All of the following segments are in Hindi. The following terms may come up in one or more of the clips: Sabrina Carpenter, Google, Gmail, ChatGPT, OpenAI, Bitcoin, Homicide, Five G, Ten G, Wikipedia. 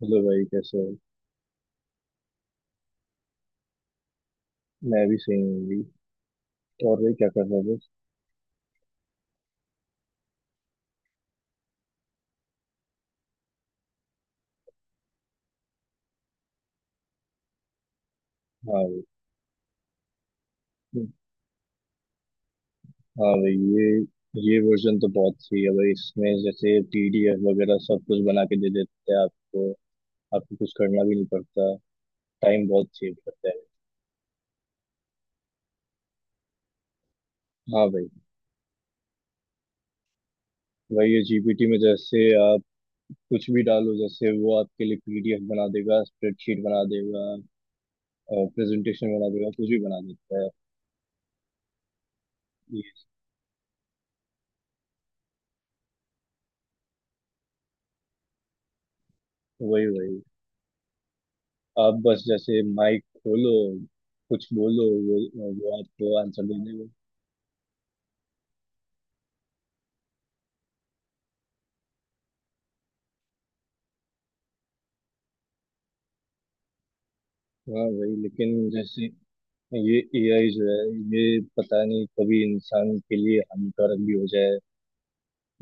हेलो भाई, कैसे हो। मैं भी सही हूँ भाई। और भाई क्या कर रहा था। हाँ भाई। हाँ भाई, ये वर्जन तो बहुत सही है भाई, इसमें जैसे पीडीएफ वगैरह सब कुछ बना के दे देते हैं आपको। आपको कुछ करना भी नहीं पड़ता। टाइम बहुत सेव करता है। हाँ भाई, भाई ये जीपीटी में जैसे आप कुछ भी डालो, जैसे वो आपके लिए पीडीएफ बना देगा, स्प्रेडशीट बना देगा, प्रेजेंटेशन बना देगा, कुछ भी बना देता है ये। वही वही, आप बस जैसे माइक खोलो, कुछ बोलो, वो आपको आंसर देने में। हाँ वही, लेकिन जैसे ये एआई जो है, ये पता नहीं कभी इंसान के लिए हानिकारक भी हो जाए।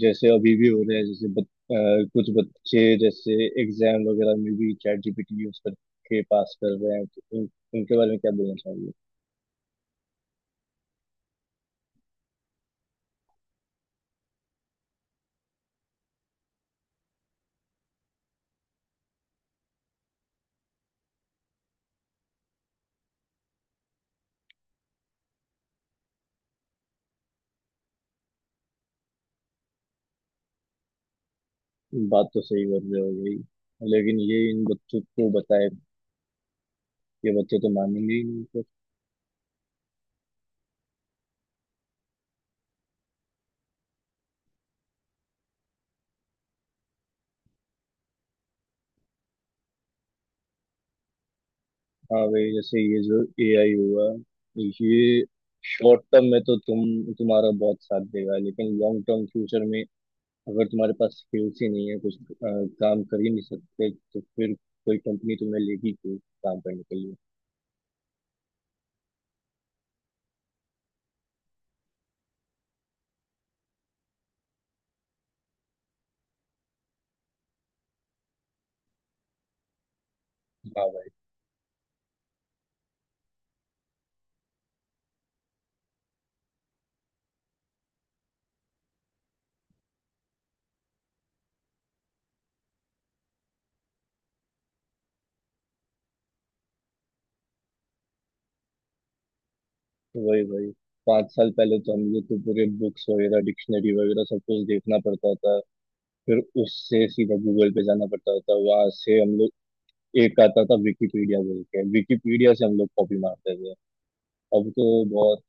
जैसे अभी भी हो रहा है, जैसे कुछ बच्चे जैसे एग्जाम वगैरह में भी चैट जीपीटी यूज करके पास कर रहे हैं, तो उनके बारे में क्या बोलना चाहिए। बात तो सही कर रहे हो भाई, लेकिन ये इन बच्चों को बताए, ये बच्चे तो मानेंगे ही नहीं। हाँ भाई, जैसे ये जो एआई हुआ, ये शॉर्ट टर्म में तो तुम्हारा बहुत साथ देगा, लेकिन लॉन्ग टर्म फ्यूचर में अगर तुम्हारे पास स्किल्स ही नहीं है, कुछ काम कर ही नहीं सकते, तो फिर कोई कंपनी तुम्हें लेगी क्यों काम करने के लिए। हाँ भाई। वही वही, 5 साल पहले तो हम लोग को पूरे बुक्स वगैरह डिक्शनरी वगैरह सब कुछ देखना पड़ता था। फिर उससे सीधा गूगल पे जाना पड़ता था, वहां से हम लोग, एक आता था विकिपीडिया बोल के, विकिपीडिया से हम लोग कॉपी मारते थे। अब तो बहुत,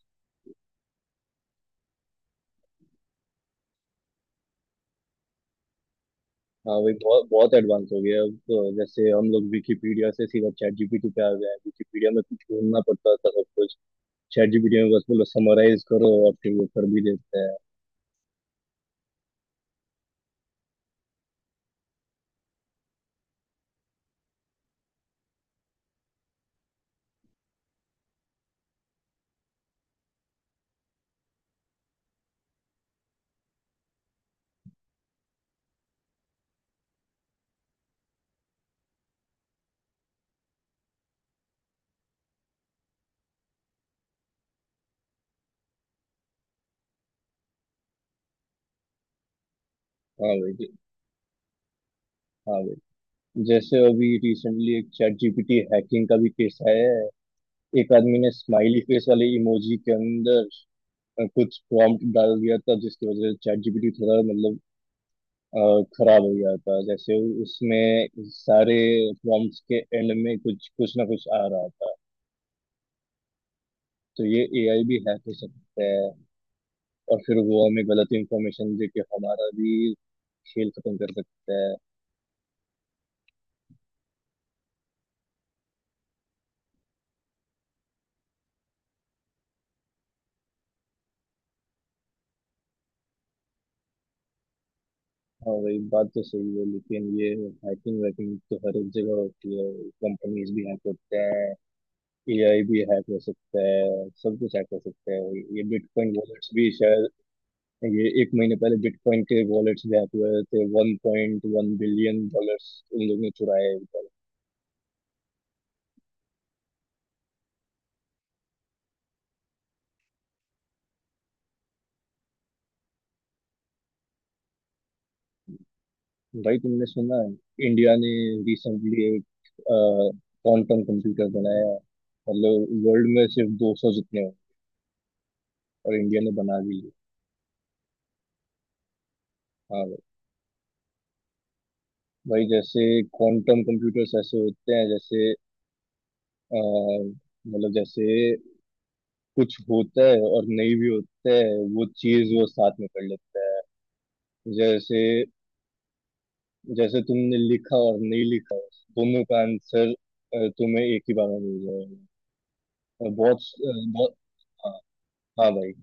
हाँ वही, बहुत बहुत एडवांस हो गया है। अब तो जैसे हम लोग विकिपीडिया से सीधा चैट जीपीटी पे आ गए हैं। विकिपीडिया में कुछ ढूंढना पड़ता था सब कुछ, चैट जीपीटी में बस बोलो समराइज करो और फिर वो कर भी देते हैं। हाँ भाई जी। हाँ भाई, जैसे अभी रिसेंटली एक चैट जीपीटी हैकिंग का भी केस आया है। एक आदमी ने स्माइली फेस वाले इमोजी के अंदर कुछ प्रॉम्प्ट डाल दिया था, जिसकी वजह से चैट जीपीटी थोड़ा मतलब खराब हो गया था। जैसे उसमें सारे प्रॉम्प्ट्स के एंड में कुछ कुछ ना कुछ आ रहा था। तो ये एआई भी हैक हो सकता है, और फिर वो हमें गलत इंफॉर्मेशन दे के हमारा भी खेल खत्म कर सकता है। हाँ वही, बात तो सही है, लेकिन ये हैकिंग वैकिंग तो हर एक जगह होती है। कंपनीज भी हैक होते हैं, एआई भी हैक हो सकता है, सब कुछ हैक हो सकता है। ये बिटकॉइन वॉलेट्स भी शायद, ये एक महीने पहले बिटकॉइन के वॉलेट्स भी हैक हुए थे, $1.1 बिलियन उन लोगों ने चुराए। भाई तुमने सुना है, इंडिया ने रिसेंटली एक क्वांटम कंप्यूटर बनाया। मतलब वर्ल्ड में सिर्फ 200 जितने हैं, और इंडिया ने बना भी लिए। हाँ भाई। भाई जैसे क्वांटम कंप्यूटर्स ऐसे होते हैं, जैसे अ, मतलब जैसे कुछ होता है और नहीं भी होता है, वो चीज वो साथ में कर लेता है। जैसे, जैसे तुमने लिखा और नहीं लिखा, दोनों का आंसर तुम्हें एक ही बार में मिल जाएगा। और बहुत बहुत, हाँ। हाँ भाई,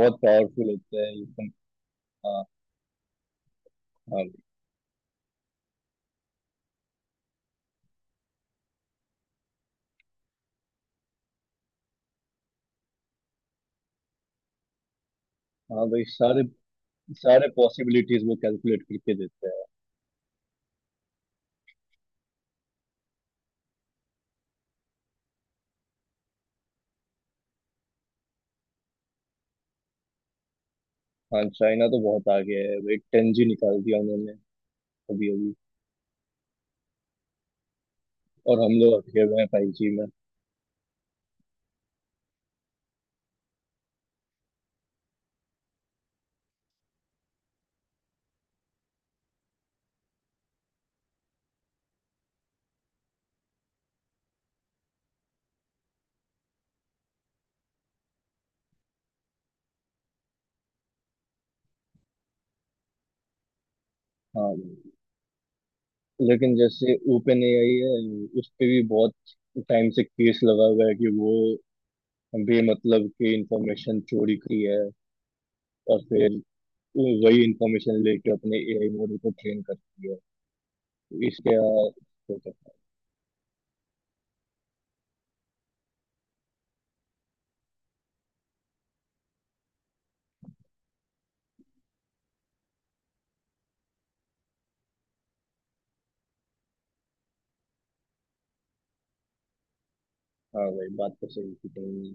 बहुत पावरफुल होता है ये सब। हाँ हाँ भाई। हाँ भाई, सारे सारे पॉसिबिलिटीज वो कैलकुलेट करके देते हैं। हाँ चाइना तो बहुत आगे है भाई, 10G निकाल दिया उन्होंने अभी अभी। और हम लोग अटके हुए हैं 5G में। हाँ भाई, लेकिन जैसे ओपन ए आई है, उस पे भी बहुत टाइम से केस लगा हुआ है कि वो बेमतलब की इंफॉर्मेशन चोरी की है, और फिर वही इंफॉर्मेशन लेके अपने ए आई मॉडल को ट्रेन करती है इसके। हाँ भाई, बात तो सही की तुमने।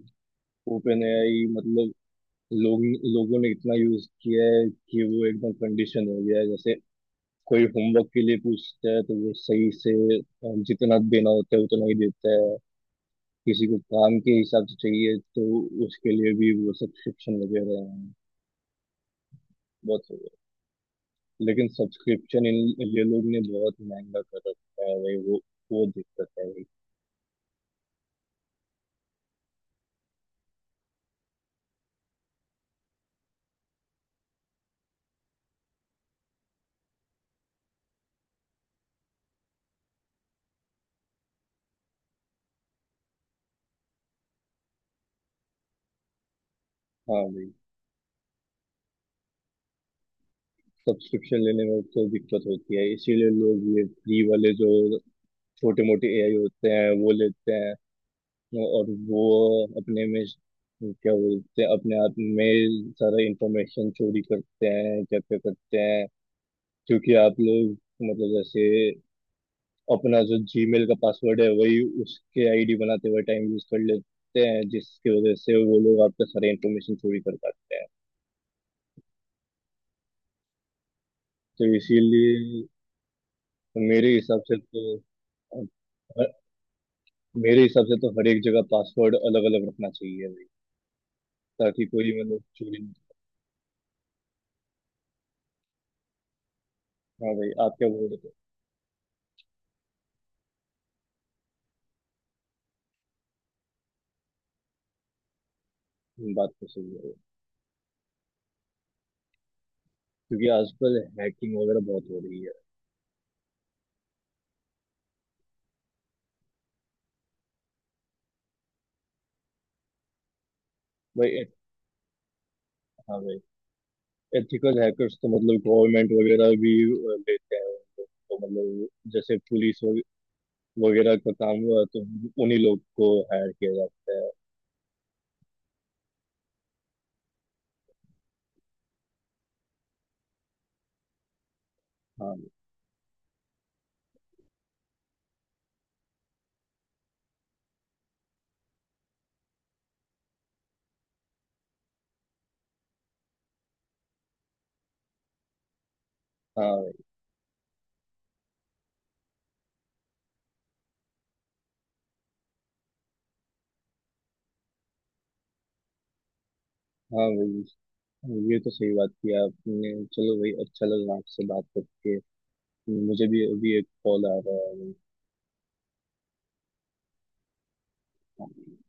ओपन एआई मतलब लोग लोगों ने इतना यूज किया है कि वो एकदम कंडीशन हो गया है। जैसे कोई होमवर्क के लिए पूछता है तो वो सही से, जितना देना होता है उतना ही देता है। किसी को काम के हिसाब से चाहिए तो उसके लिए भी वो सब्सक्रिप्शन वगैरह हैं। बहुत हो गया, लेकिन सब्सक्रिप्शन इन, ये लोग ने बहुत महंगा कर रखा है भाई, वो दिक्कत है भाई। हाँ भाई, सब्सक्रिप्शन लेने में तो दिक्कत होती है, इसीलिए लोग ये फ्री वाले जो छोटे मोटे एआई होते हैं वो लेते हैं। और वो अपने में क्या बोलते हैं, अपने आप में सारा इंफॉर्मेशन चोरी करते हैं, क्या क्या करते हैं। क्योंकि आप लोग मतलब जैसे अपना जो जीमेल का पासवर्ड है वही उसके आईडी बनाते हुए टाइम यूज कर लेते हैं, जिसकी वजह से वो लोग आपका सारा इंफॉर्मेशन चोरी कर पाते हैं। तो इसीलिए मेरे हिसाब से तो हर- मेरे हिसाब से तो हर एक जगह पासवर्ड अलग अलग रखना चाहिए भाई, ताकि कोई मतलब चोरी। हाँ भाई, आपके बोल रहे थे। बात तो सही है, क्योंकि आजकल हैकिंग वगैरह बहुत हो रही है। भाई एथ, हाँ भाई, एथिकल हैकर्स तो मतलब गवर्नमेंट वगैरह भी लेते हैं उनको, तो मतलब जैसे वगैरह का काम हुआ तो उन्हीं लोग को हायर किया जाता है। हाँ भाई। हाँ भाई, हाँ भाई, ये तो सही बात किया आपने। चलो भाई, अच्छा लगा आपसे बात करके, मुझे भी अभी एक कॉल आ रहा है। हाँ।